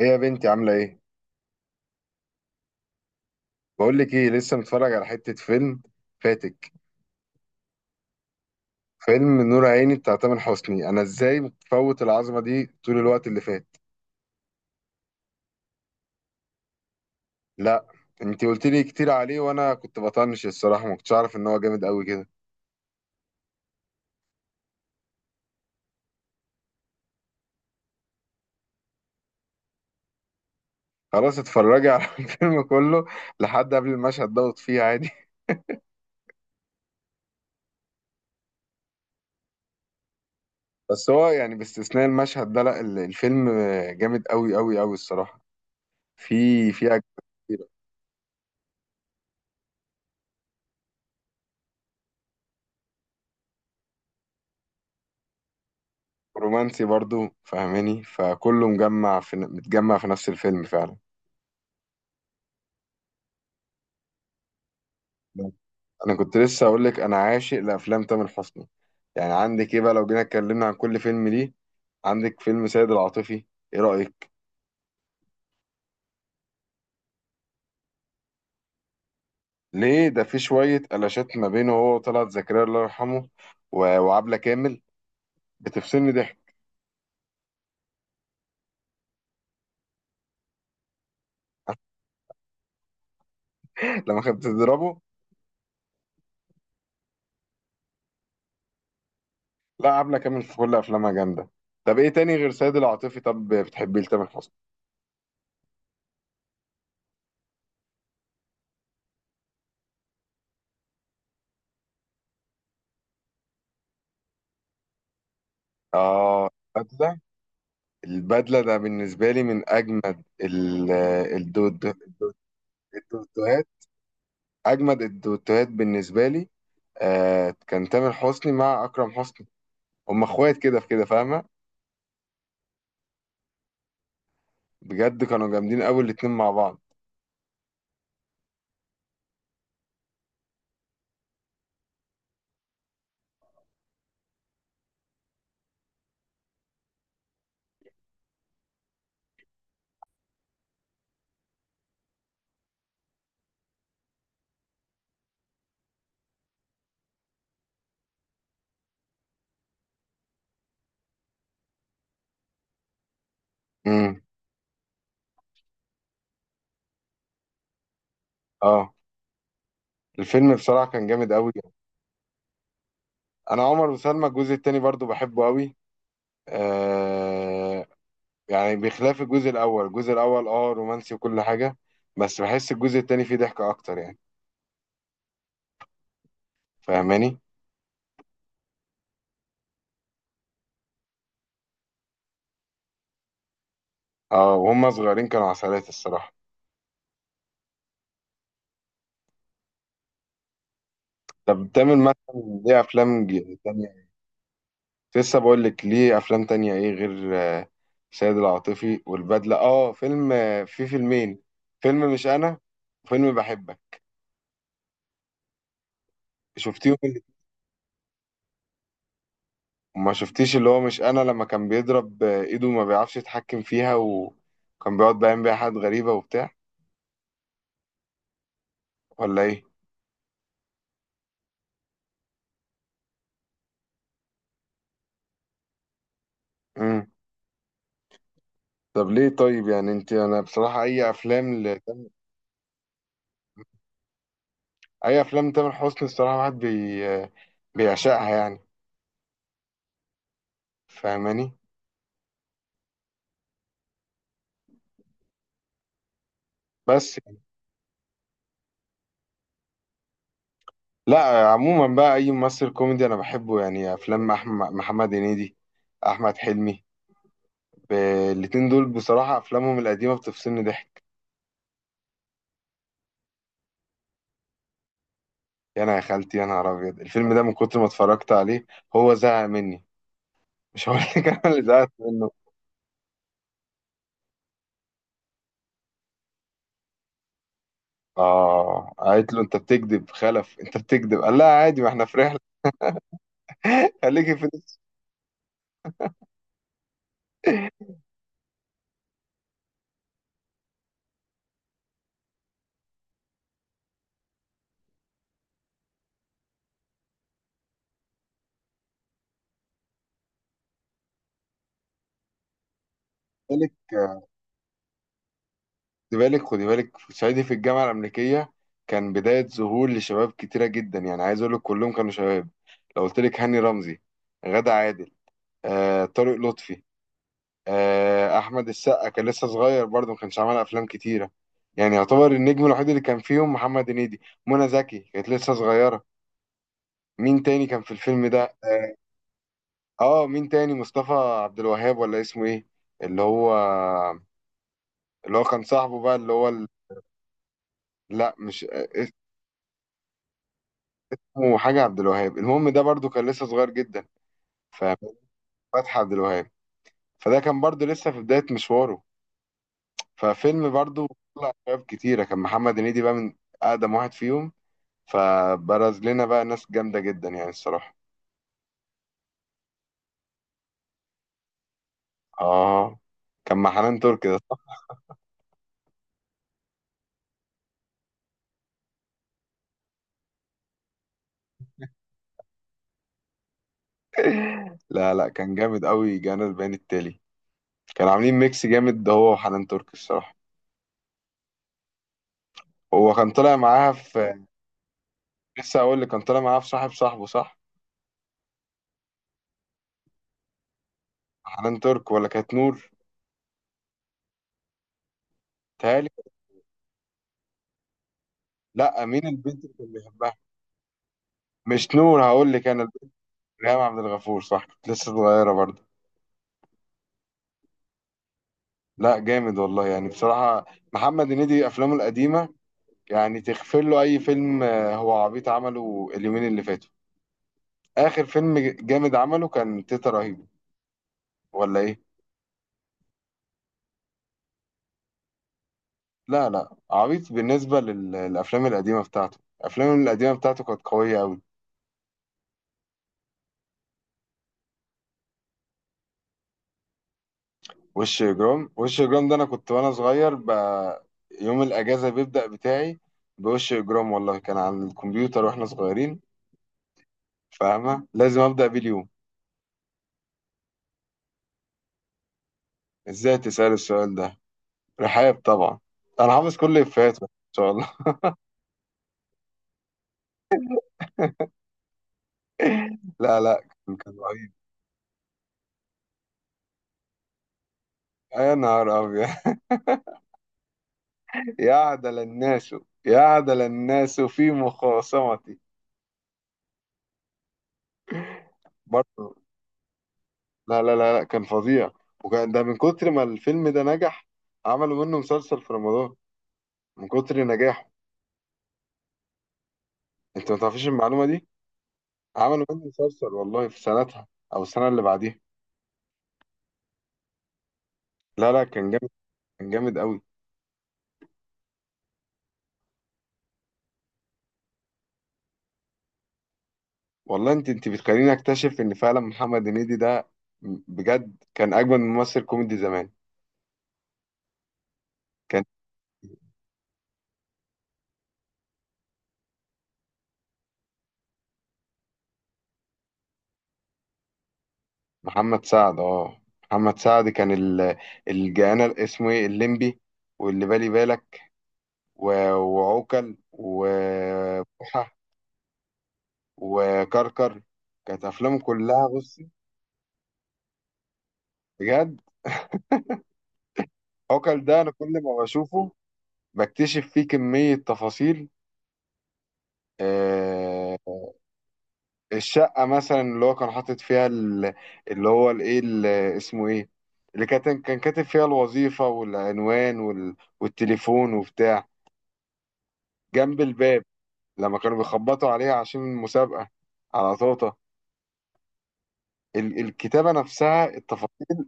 ايه يا بنتي؟ عاملة ايه؟ بقول لك ايه، لسه متفرج على حتة فيلم فاتك. فيلم نور عيني بتاع تامر حسني. انا ازاي مفوت العظمة دي طول الوقت اللي فات؟ لا. انتي قلت لي كتير عليه وانا كنت بطنش الصراحة، ما كنتش اعرف ان هو جامد قوي كده. خلاص اتفرجي على الفيلم كله لحد قبل المشهد دوت، فيه عادي. بس هو يعني باستثناء المشهد ده، لا، الفيلم جامد قوي قوي قوي الصراحة. في أجزاء كتيرة. رومانسي برضو، فاهماني؟ فكله مجمع في، متجمع في نفس الفيلم فعلا. انا كنت لسه اقول لك، انا عاشق لافلام تامر حسني. يعني عندك ايه بقى لو جينا اتكلمنا عن كل فيلم ليه. عندك فيلم سيد العاطفي، ايه رايك؟ ليه ده في شويه قلاشات ما بينه هو وطلعت زكريا الله يرحمه وعبله كامل، بتفصلني ضحك. لما كانت بتضربه. لا، عبله كامل في كل افلامها جامده. طب ايه تاني غير سيد العاطفي؟ طب بتحبيه لتامر حسني؟ اه، البدله. البدله ده بالنسبه لي من اجمد الدو- الدو- الدوتوهات، اجمد الدوتوهات بالنسبه لي. كان تامر حسني مع اكرم حسني، هم اخوات كده في كده، فاهمه؟ بجد كانوا جامدين قوي الاتنين مع بعض. امم. اه. الفيلم بصراحه كان جامد قوي. انا عمر وسلمى الجزء التاني برضو بحبه قوي. آه يعني بخلاف الجزء الاول، الجزء الاول رومانسي وكل حاجه، بس بحس الجزء التاني فيه ضحكه اكتر، يعني فاهماني. اه، وهم صغيرين كانوا عسلات الصراحه. طب تامر مثلا ليه افلام تانية؟ لسه بقول لك ليه افلام تانية ايه غير سيد العاطفي والبدلة. اه، فيلم، في فيلمين: فيلم مش انا، وفيلم بحبك. شفتيهم اللي...؟ ما شفتيش اللي هو مش انا، لما كان بيضرب ايده وما بيعرفش يتحكم فيها، وكان بيقعد بيعمل بيها حاجات غريبة وبتاع، ولا ايه؟ امم. طب ليه طيب؟ يعني انت، انا بصراحة اي افلام ل... اي افلام تامر حسني الصراحة واحد بي... بيعشقها، يعني فاهماني. بس. لا، عموما بقى اي ممثل كوميدي انا بحبه، يعني افلام احمد محمد هنيدي، احمد حلمي. ب- الاتنين دول بصراحه افلامهم القديمه بتفصلني ضحك. يا انا يا خالتي، يا نهار ابيض، الفيلم ده من كتر ما اتفرجت عليه هو زهق مني. مش هقول لك انا اللي زهقت منه. اه، قالت له انت بتكذب خلف، انت بتكذب، قال لها عادي ما احنا في رحله. خليكي في نفس- خلي بالك، خدي بالك، خدي بالك في صعيدي في الجامعه الامريكيه. كان بدايه ظهور لشباب كتيره جدا، يعني عايز اقول لك كلهم كانوا شباب. لو قلت لك هاني رمزي، غادة عادل، طارق لطفي، احمد السقا كان لسه صغير برضه ما كانش عمل افلام كتيره. يعني يعتبر النجم الوحيد اللي كان فيهم محمد هنيدي. منى زكي كانت لسه صغيره. مين تاني كان في الفيلم ده؟ اه مين تاني؟ مصطفى عبد الوهاب، ولا اسمه ايه؟ اللي هو اللي هو كان صاحبه بقى، لا مش اسمه حاجه عبد الوهاب. المهم ده برضه كان لسه صغير جدا. ففتحي عبد الوهاب، فده كان برضه لسه في بدايه مشواره. ففيلم برضو طلع شباب كتيرة. كان محمد هنيدي بقى من أقدم واحد فيهم، فبرز لنا بقى ناس جامدة جدا يعني الصراحة. آه. كان مع حنان ترك ده. لا، لا، كان جامد قوي، جانا البيان التالي. كانوا عاملين ميكس جامد ده هو وحنان ترك الصراحة. هو كان طالع معاها في... لسه أقول لك، كان طالع معاها في صاحب صاحبه، صح؟ حنان ترك ولا كانت نور؟ تهيألي. لا، مين البنت اللي كان بيحبها؟ مش نور، هقول لك أنا البنت. ريهام عبد الغفور، صح، كانت لسه صغيرة برضه. لا، جامد والله يعني بصراحة. محمد هنيدي أفلامه القديمة يعني تغفر له أي فيلم هو عبيط عمله اليومين اللي فاتوا. آخر فيلم جامد عمله كان تيتا رهيب، ولا إيه؟ لا، لا، عبيط بالنسبة للأفلام القديمة بتاعته. الأفلام القديمة بتاعته كانت قوية أوي. وش إجرام، وش إجرام ده أنا كنت وأنا صغير ب... يوم الأجازة بيبدأ بتاعي بوش إجرام، والله كان على الكمبيوتر وإحنا صغيرين، فاهمة؟ لازم أبدأ بيه اليوم. إزاي تسأل السؤال ده؟ رحاب طبعا. انا حافظ كل افيهاته ان شاء الله. لا، لا، كان رهيب. يا نهار ابيض. يعدل الناس، يعدل الناس في مخاصمتي برضه. لا، لا، لا، لا، كان فظيع. وكان ده من كتر ما الفيلم ده نجح، عملوا منه مسلسل في رمضان من كتر نجاحه. انت ما تعرفيش المعلومه دي؟ عملوا منه مسلسل والله في سنتها او السنه اللي بعديها. لا، لا، كان جامد. كان جامد قوي. والله انت بتخليني اكتشف ان فعلا محمد هنيدي ده بجد كان اجمل ممثل كوميدي زمان. كان محمد سعد. اه، محمد سعد كان الجانا اسمه ايه، الليمبي، واللي بالي بالك، وعوكل وبوحة وكركر. كانت افلامه كلها، بصي بجد، عوكل ده انا كل ما بشوفه بكتشف فيه كمية تفاصيل. آه، الشقة مثلا اللي هو كان حاطط فيها اللي هو الايه اسمه ايه، اللي كان كاتب فيها الوظيفة والعنوان والتليفون وبتاع جنب الباب، لما كانوا بيخبطوا عليها عشان المسابقة على طوطة. الكتابة نفسها، التفاصيل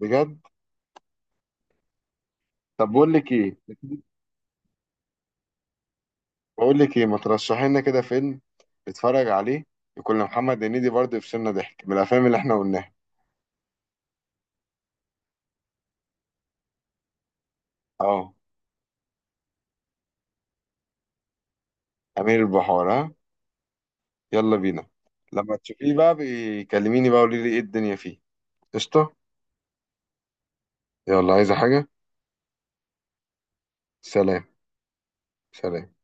بجد. طب بقول لك ايه، بقول لك ايه، ما ترشحي لنا كده فيلم نتفرج عليه، يكون لمحمد هنيدي برضه يفصلنا ضحك من الافلام اللي احنا قلناها. اه، امير البحار، ها يلا بينا. لما تشوفيه بقى بيكلميني بقى، قولي لي ايه الدنيا فيه. قشطة. يلا، عايزة حاجة؟ سلام. سلام.